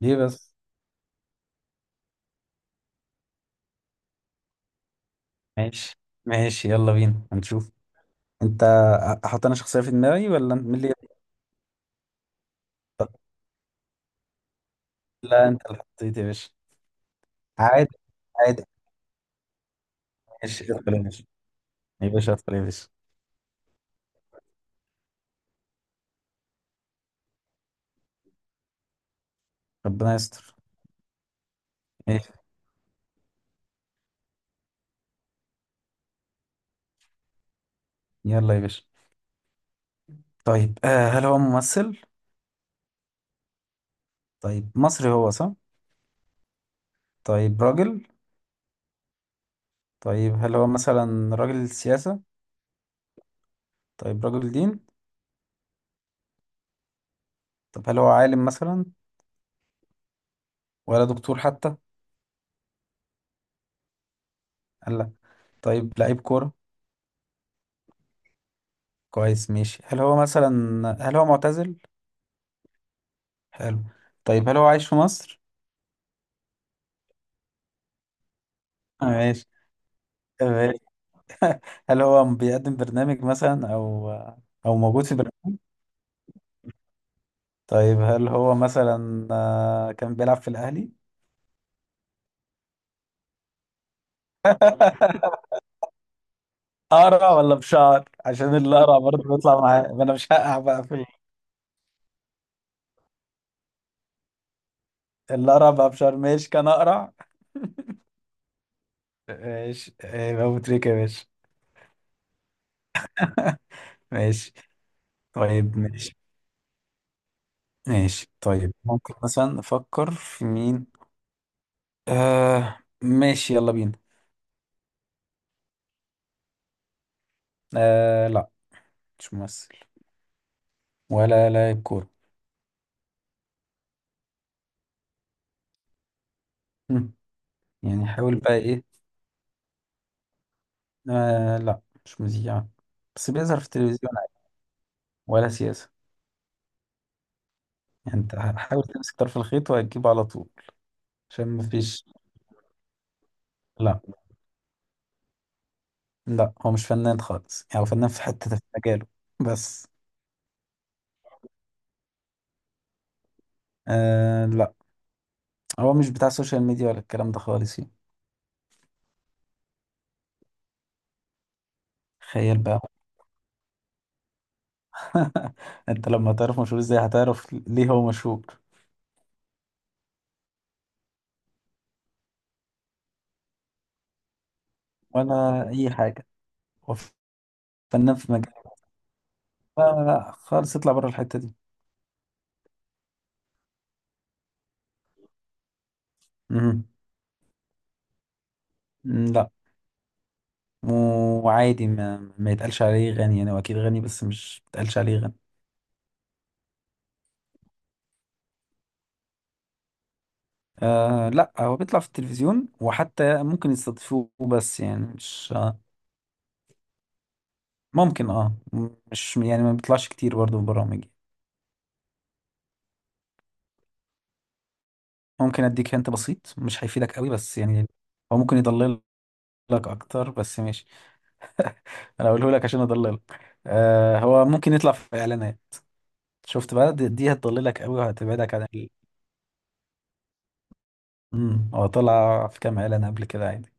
ليه بس؟ ماشي ماشي، يلا بينا هنشوف. انت، احط انا شخصية في دماغي ولا انت مين اللي يبدأ؟ لا انت اللي حطيت يا باشا. عادي عادي، ماشي ادخل يا باشا. يا باشا ادخل يا باشا. ربنا يستر. ماشي. يلا يا باشا. طيب هل هو ممثل؟ طيب مصري هو صح؟ طيب راجل؟ طيب هل هو مثلا راجل سياسة؟ طيب راجل دين؟ طب هل هو عالم مثلا؟ ولا دكتور حتى؟ لا. طيب لعيب كورة؟ كويس ماشي. هل هو معتزل؟ حلو. طيب هل هو عايش في مصر؟ ماشي. طيب، هل هو بيقدم برنامج مثلا أو موجود في برنامج؟ طيب هل هو مثلا، كان بيلعب في الأهلي؟ قرع ولا بشعر؟ عشان الأقرع برضه بيطلع معاه، ما أنا مش هقع بقى في الأقرع بقى بشعر. ماشي كان أقرع. ماشي إيه، يبقى أبو تريكة يا باشا. ماشي. طيب ماشي ماشي، طيب ممكن مثلا نفكر في مين؟ آه ماشي يلا بينا. آه لا، مش ممثل. ولا لاعب كورة. مم. يعني حاول بقى ايه. آه لا، مش مذيع. بس بيظهر في التلفزيون عادي، ولا سياسة. يعني انت حاول تمسك طرف الخيط وهتجيبه على طول. عشان مفيش. لا لا، هو مش فنان خالص، يعني هو فنان في حتة في مجاله بس. آه لا، هو مش بتاع السوشيال ميديا ولا الكلام ده خالص يعني. تخيل بقى. انت لما تعرف مشهور ازاي هتعرف ليه هو مشهور. ولا اي حاجة. هو فنان في مجاله. لا لا لا، خالص اطلع بره الحتة دي. مم. لا. وعادي ما يتقالش عليه غني، يعني هو اكيد غني بس مش يتقالش عليه غني. آه لا، هو بيطلع في التلفزيون وحتى ممكن يستضيفوه، بس يعني مش ممكن مش يعني ما بيطلعش كتير برضه في برامج. ممكن اديك انت بسيط مش هيفيدك قوي بس يعني، هو ممكن يضللك اكتر بس ماشي. انا اقوله لك عشان اضللك. هو ممكن يطلع في اعلانات. شفت بقى، دي هتضللك قوي وهتبعدك عن هو طلع في كام اعلان قبل كده عادي.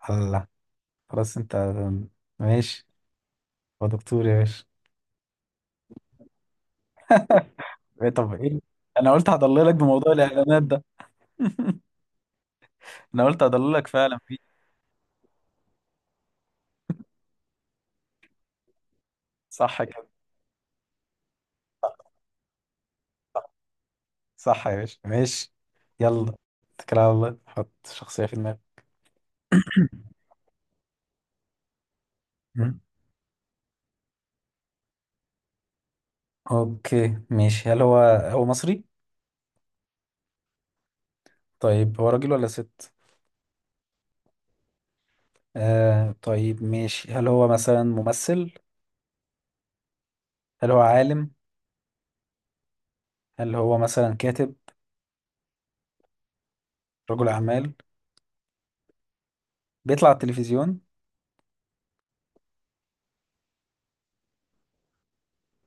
على. خلاص انت. ماشي. هو دكتور يا باشا. ايه طب ايه. انا قلت هضللك بموضوع الاعلانات ده. انا قلت هضللك فعلا فيه. صح كده. صح يا باشا ماشي. يلا اتكل على الله، حط شخصية في دماغك. مم. اوكي ماشي، هل هو هو مصري. طيب هو راجل ولا ست. طيب ماشي، هل هو مثلا ممثل؟ هل هو عالم؟ هل هو مثلا كاتب؟ رجل اعمال؟ بيطلع على التلفزيون؟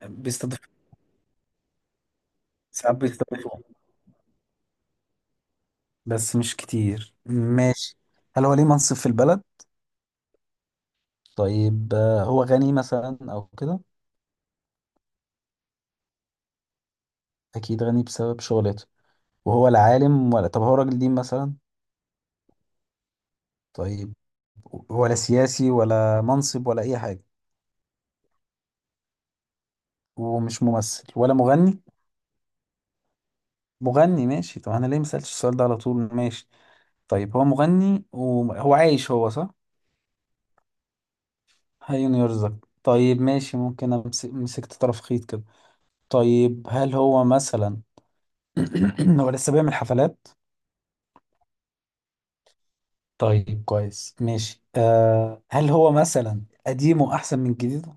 بيستضيف ساعات بيستضيف بس مش كتير، ماشي. هل هو ليه منصب في البلد؟ طيب هو غني مثلا او كده؟ اكيد غني بسبب شغلته. وهو لا عالم ولا، طب هو راجل دين مثلا؟ طيب. ولا سياسي ولا منصب ولا اي حاجه. ومش ممثل ولا مغني. مغني، ماشي. طب انا ليه ما سالتش السؤال ده على طول؟ ماشي. طيب هو مغني وهو عايش هو صح؟ هيون يرزق. طيب ماشي، ممكن مسكت طرف خيط كده. طيب هل هو مثلا، هو لسه بيعمل حفلات؟ طيب كويس ماشي. هل هو مثلا قديمه احسن من جديده؟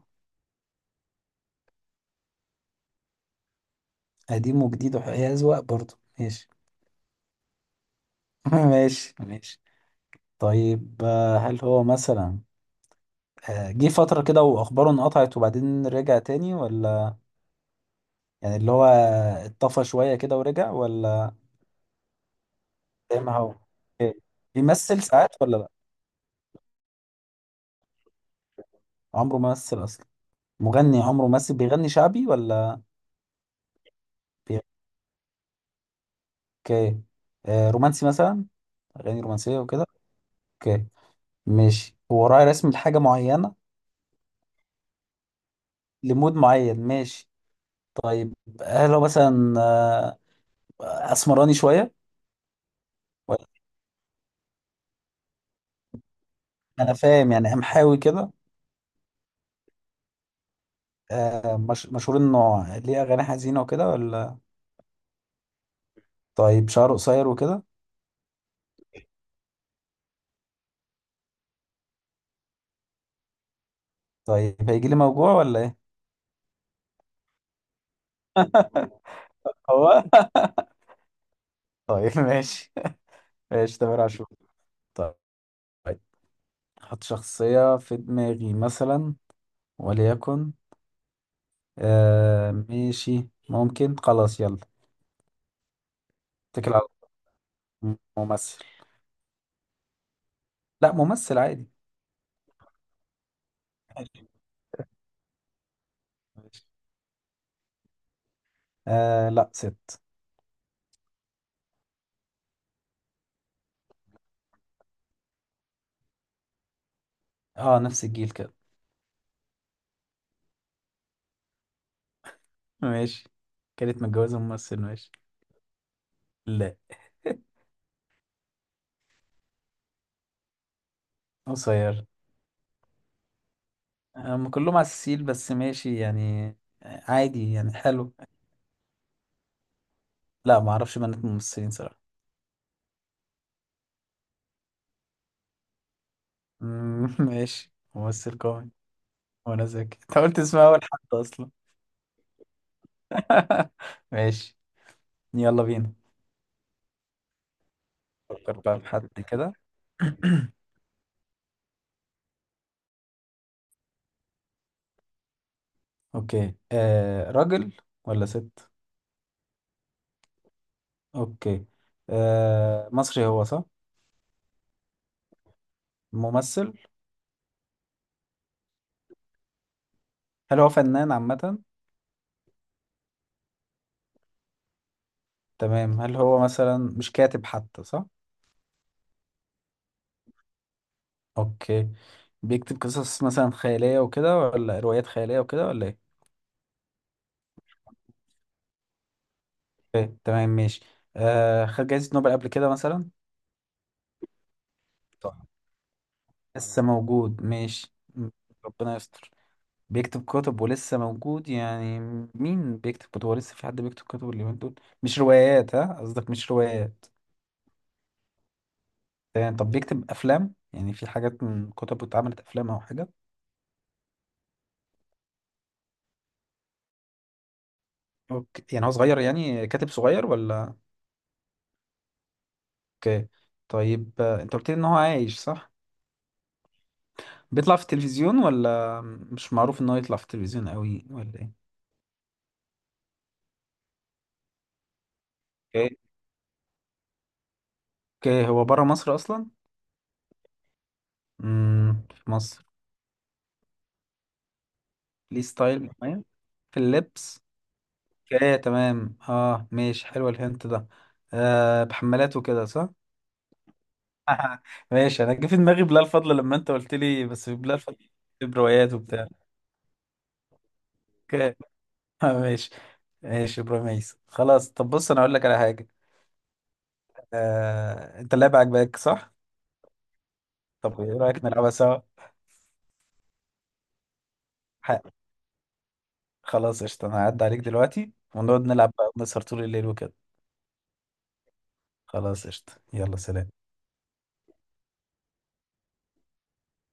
قديمه وجديده، هي اذواق برضه، ماشي. ماشي ماشي. طيب هل هو مثلا جه فترة كده واخباره انقطعت وبعدين رجع تاني ولا؟ يعني اللي هو اتطفى شوية كده ورجع ولا؟ زي ما هو. بيمثل ساعات ولا لا؟ عمره ما مثل اصلا. مغني عمره ما مثل، بيغني شعبي ولا؟ بيغني. اوكي. رومانسي مثلا، اغاني رومانسية وكده. اوكي ماشي، هو راعي رسم لحاجة معينة، لمود معين، ماشي. طيب هل هو مثلا اسمراني شويه ولا؟ انا فاهم، يعني قمحاوي كده. مش مشهور انه ليه اغاني حزينه وكده ولا؟ طيب شعره قصير وكده؟ طيب هيجي لي موجوع ولا ايه؟ هو. طيب ماشي، ماشي تامر عاشور. طيب هحط شخصيه في دماغي مثلا، وليكن. ماشي، ممكن، خلاص يلا، اتكل على الله. ممثل؟ لا، ممثل عادي. ماشي. آه لا، ست. اه نفس الجيل كده، ماشي. كانت متجوزة ممثل، ماشي. لا. قصير. هم كلهم عساسيل بس ماشي يعني، عادي، يعني حلو. لا ما اعرفش بنات ممثلين صراحة. مم، ماشي، ممثل كوميدي. وانا ذكي، انت قلت اسمها اول حد اصلا. ماشي، يلا بينا. فكر بقى في حد كده. اوكي راجل ولا ست؟ اوكي. مصري هو صح؟ ممثل؟ هل هو فنان عامة؟ تمام، هل هو مثلا، مش كاتب حتى صح؟ اوكي، بيكتب قصص مثلا خيالية وكده ولا روايات خيالية وكده ولا ايه؟ اوكي تمام ماشي. خد جايزة نوبل قبل كده مثلا؟ صح. لسه موجود، ماشي ربنا يستر. بيكتب كتب ولسه موجود يعني. مين بيكتب كتب؟ ولسه في حد بيكتب كتب اليومين دول؟ مش روايات، ها؟ قصدك مش روايات؟ تمام، طب بيكتب افلام يعني؟ في حاجات من كتب اتعملت افلام او حاجه؟ اوكي، يعني هو صغير، يعني كاتب صغير ولا؟ اوكي. طيب انت قلت لي ان هو عايش صح؟ بيطلع في التلفزيون ولا مش معروف ان هو يطلع في التلفزيون قوي ولا ايه؟ اوكي. اوكي، هو بره مصر اصلا؟ في مصر. ليه ستايل معين في اللبس؟ اوكي تمام، ماشي، حلو الهنت ده. بحمالات وكده صح؟ ماشي، انا جه في دماغي بلال الفضل لما انت قلت لي، بس بلال الفضل في بروايات وبتاع. اوكي. ماشي، ماشي ابراهيم عيسى خلاص. طب بص، انا اقول لك على حاجه. انت اللعبه عجباك صح؟ طب ايه رأيك نلعبها سوا؟ ح- خلاص قشطة، انا هعدي عليك دلوقتي ونقعد نلعب بقى ونسهر طول الليل وكده. خلاص قشطة، يلا سلام.